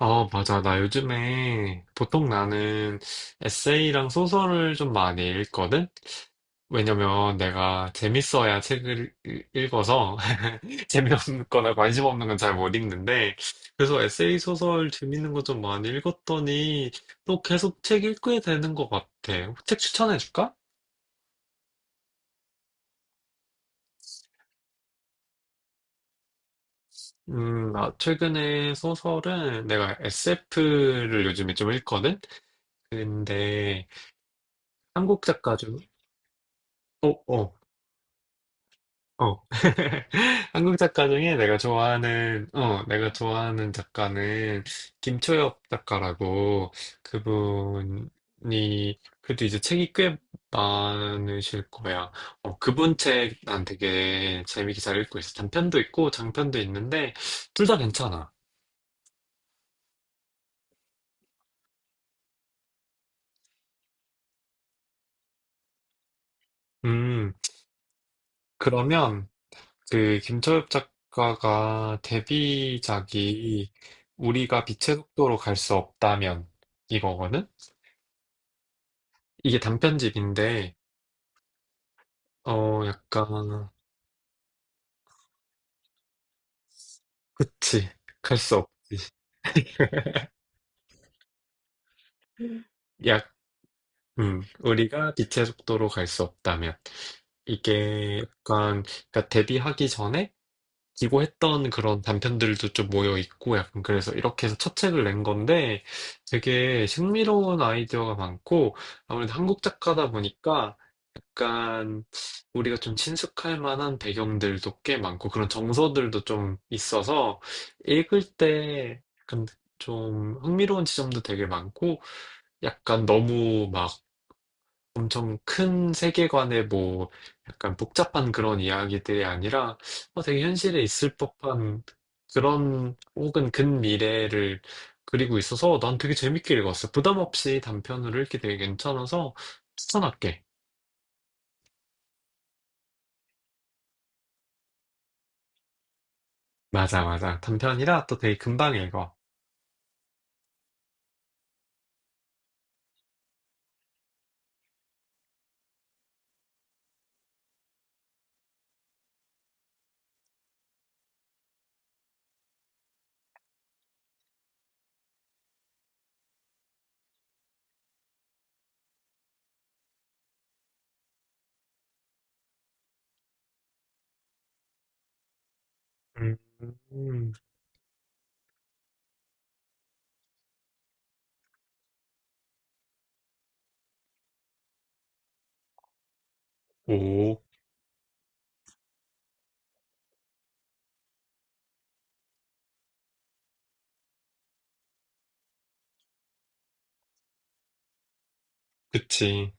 아, 맞아. 나 요즘에 보통 나는 에세이랑 소설을 좀 많이 읽거든? 왜냐면 내가 재밌어야 읽어서 재미없거나 관심 없는 건 잘 못 읽는데 그래서 에세이 소설 재밌는 거 좀 많이 읽었더니 또 계속 책 읽게 되는 것 같아. 책 추천해 줄까? 나 최근에 소설은 내가 SF를 요즘에 좀 읽거든? 근데 한국 작가 중, 어, 어. 어. 한국 작가 중에 내가 좋아하는 작가는 김초엽 작가라고 그분이, 그래도 이제 책이 꽤 많으실 거야. 어, 그분 책 난 되게 재밌게 잘 읽고 있어. 단편도 있고 장편도 있는데, 둘 다 괜찮아. 음, 그러면 그 김초엽 작가가 데뷔작이 우리가 빛의 속도로 갈 수 없다면, 이거거든? 이게 단편집인데, 어, 약간, 그치. 갈 수 없, 약, 우리가 빛의 속도로 갈 수 없다면. 이게 약간, 그러니까 데뷔하기 전에 기고했던 그런 단편들도 좀 모여 있고 약간 그래서 이렇게 해서 첫 책을 낸 건데 되게 신미로운 아이디어가 많고 아무래도 한국 작가다 보니까 약간 우리가 좀 친숙할 만한 배경들도 꽤 많고 그런 정서들도 좀 있어서 읽을 때 약간 좀 흥미로운 지점도 되게 많고 약간 너무 막 엄청 큰 세계관의 뭐 약간 복잡한 그런 이야기들이 아니라 어, 되게 현실에 있을 법한 그런 혹은 근미래를 그리고 있어서 난 되게 재밌게 읽었어. 부담 없이 단편으로 읽기 되게 괜찮아서 추천할게. 맞아, 맞아. 단편이라 또 되게 금방 읽어. 음, 음. 오, 그치.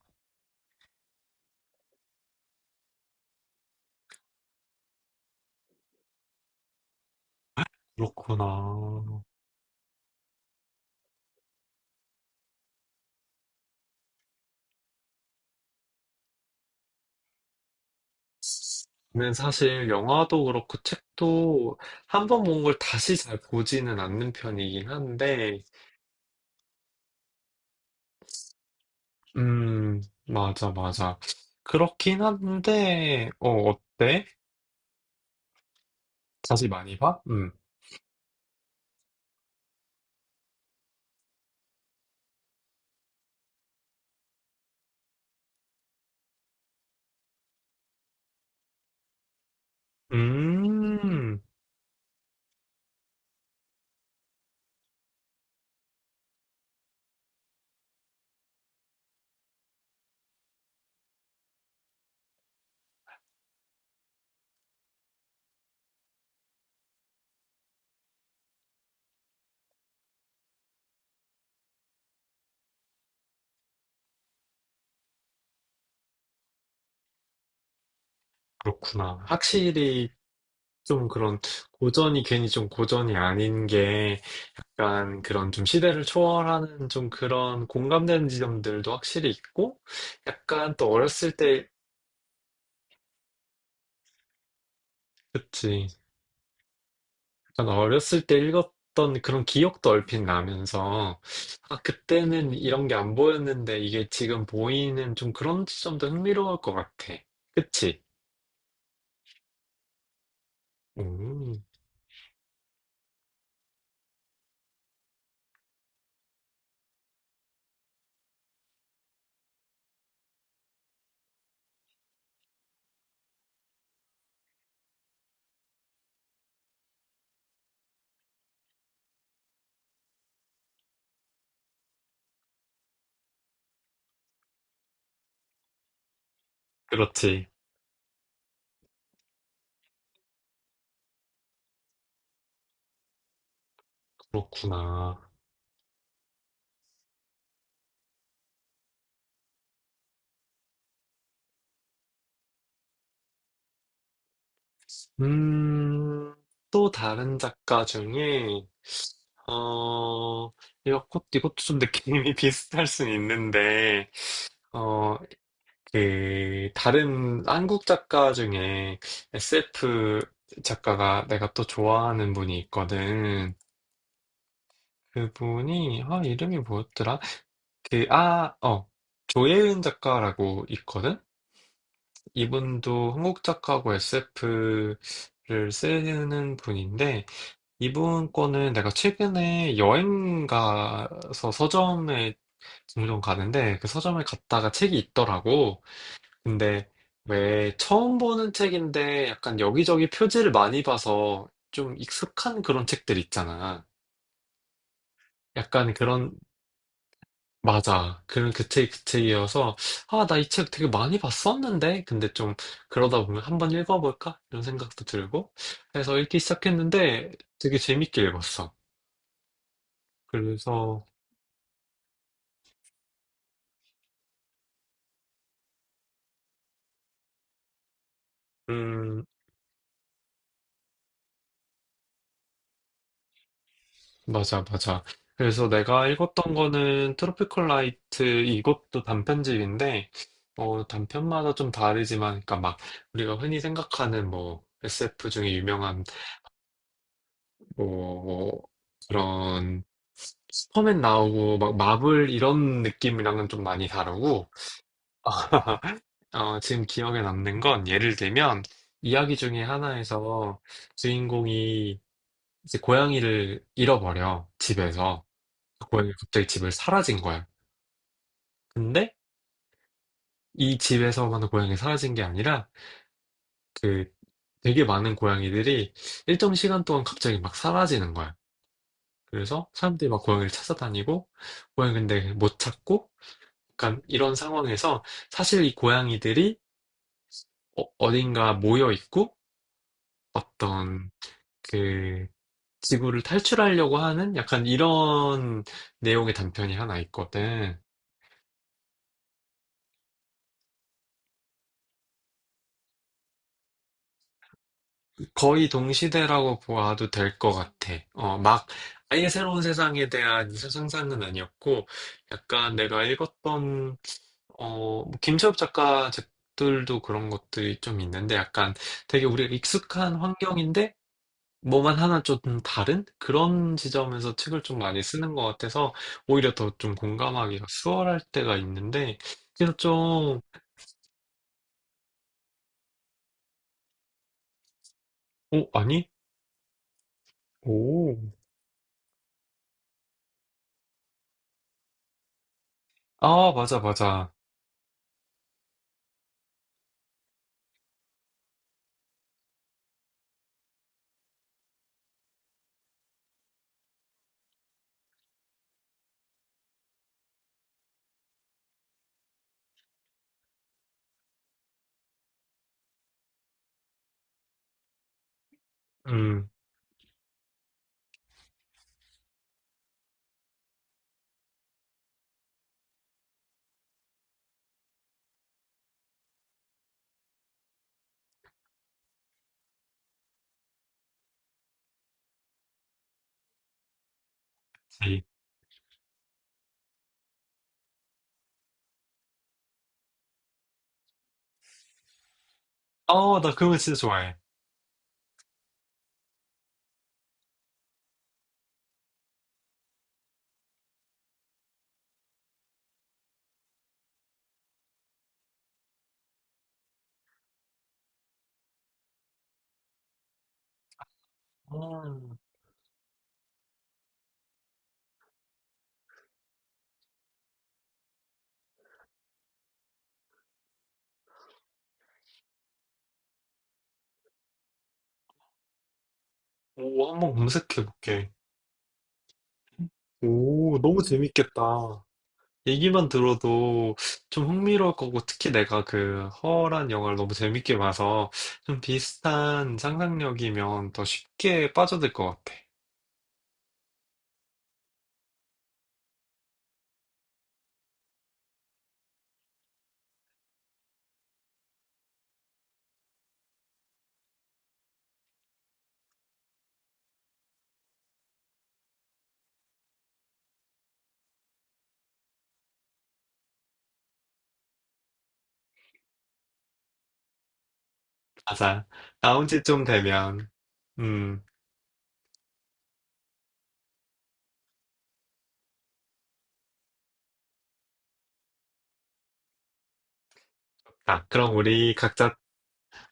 그렇구나. 는 사실 영화도 그렇고 책도 한번 본 걸 다시 잘 보지는 않는 편이긴 한데, 음, 맞아, 맞아. 그렇긴 한데, 어, 어때? 자세 많이 봐? 음. 음, 그렇구나. 확실히 좀 그런 고전이 괜히 좀 고전이 아닌 게 약간 그런 좀 시대를 초월하는 좀 그런 공감되는 지점들도 확실히 있고, 약간 또 어렸을 때, 그치. 약간 어렸을 때 읽었던 그런 기억도 얼핏 나면서, 아, 그때는 이런 게 안 보였는데 이게 지금 보이는 좀 그런 지점도 흥미로울 것 같아. 그치? 음, 그렇지. 그렇구나. 음, 또 다른 작가 중에, 어, 이것, 이것도 좀 느낌이 비슷할 순 있는데, 어, 그 다른 한국 작가 중에 SF 작가가 내가 또 좋아하는 분이 있거든. 그분이 아 이름이 뭐였더라? 그 아, 어. 조예은 작가라고 있거든. 이분도 한국 작가고 SF를 쓰는 분인데 이분 거는 내가 최근에 여행 가서 서점에 종종 가는데 그 서점에 갔다가 책이 있더라고. 근데 왜 처음 보는 책인데 약간 여기저기 표지를 많이 봐서 좀 익숙한 그런 책들 있잖아. 약간 그런, 맞아. 그 책이어서, 아, 나 이 책 되게 많이 봤었는데? 근데 좀 그러다 보면 한번 읽어볼까? 이런 생각도 들고. 그래서 읽기 시작했는데 되게 재밌게 읽었어. 그래서, 음, 맞아, 맞아. 그래서 내가 읽었던 거는 트로피컬 라이트 이것도 단편집인데 어 단편마다 좀 다르지만 그러니까 막 우리가 흔히 생각하는 뭐 SF 중에 유명한 뭐 그런 슈퍼맨 나오고 막 마블 이런 느낌이랑은 좀 많이 다르고 어, 지금 기억에 남는 건 예를 들면 이야기 중에 하나에서 주인공이 이제 고양이를 잃어버려 집에서 고양이 갑자기 집을 사라진 거야. 근데 이 집에서만 고양이 사라진 게 아니라 그 되게 많은 고양이들이 일정 시간 동안 갑자기 막 사라지는 거야. 그래서 사람들이 막 고양이를 찾아다니고 고양이 근데 못 찾고 약간 이런 상황에서 사실 이 고양이들이 어, 딘가 모여 있고 어떤 그 지구를 탈출하려고 하는 약간 이런 내용의 단편이 하나 있거든. 거의 동시대라고 봐도 될 것 같아. 어, 막 아예 새로운 세상에 대한 상상은 아니었고, 약간 내가 읽었던 어, 뭐 김철업 작가 책들도 그런 것들이 좀 있는데 약간 되게 우리가 익숙한 환경인데 뭐만 하나 좀 다른 그런 지점에서 책을 좀 많이 쓰는 것 같아서 오히려 더 좀 공감하기가 수월할 때가 있는데 그래서 좀, 오, 아니? 오. 아, 맞아, 맞아. 음. 네. 아, 나 그런 거 진짜 좋아해. 아, 오, 한번 검색해 볼게. 오, 너무 재밌겠다. 얘기만 들어도 좀 흥미로울 거고, 특히 내가 그 허란 영화를 너무 재밌게 봐서 좀 비슷한 상상력이면 더 쉽게 빠져들 것 같아. 맞아. 나온 지 좀 되면. 음. 아, 그럼 우리 각자,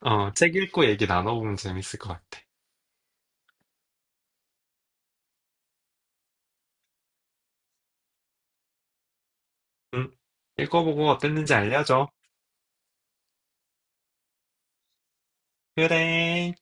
어, 책 읽고 얘기 나눠보면 재밌을 것 같아. 응? 읽어보고 어땠는지 알려줘. 그래.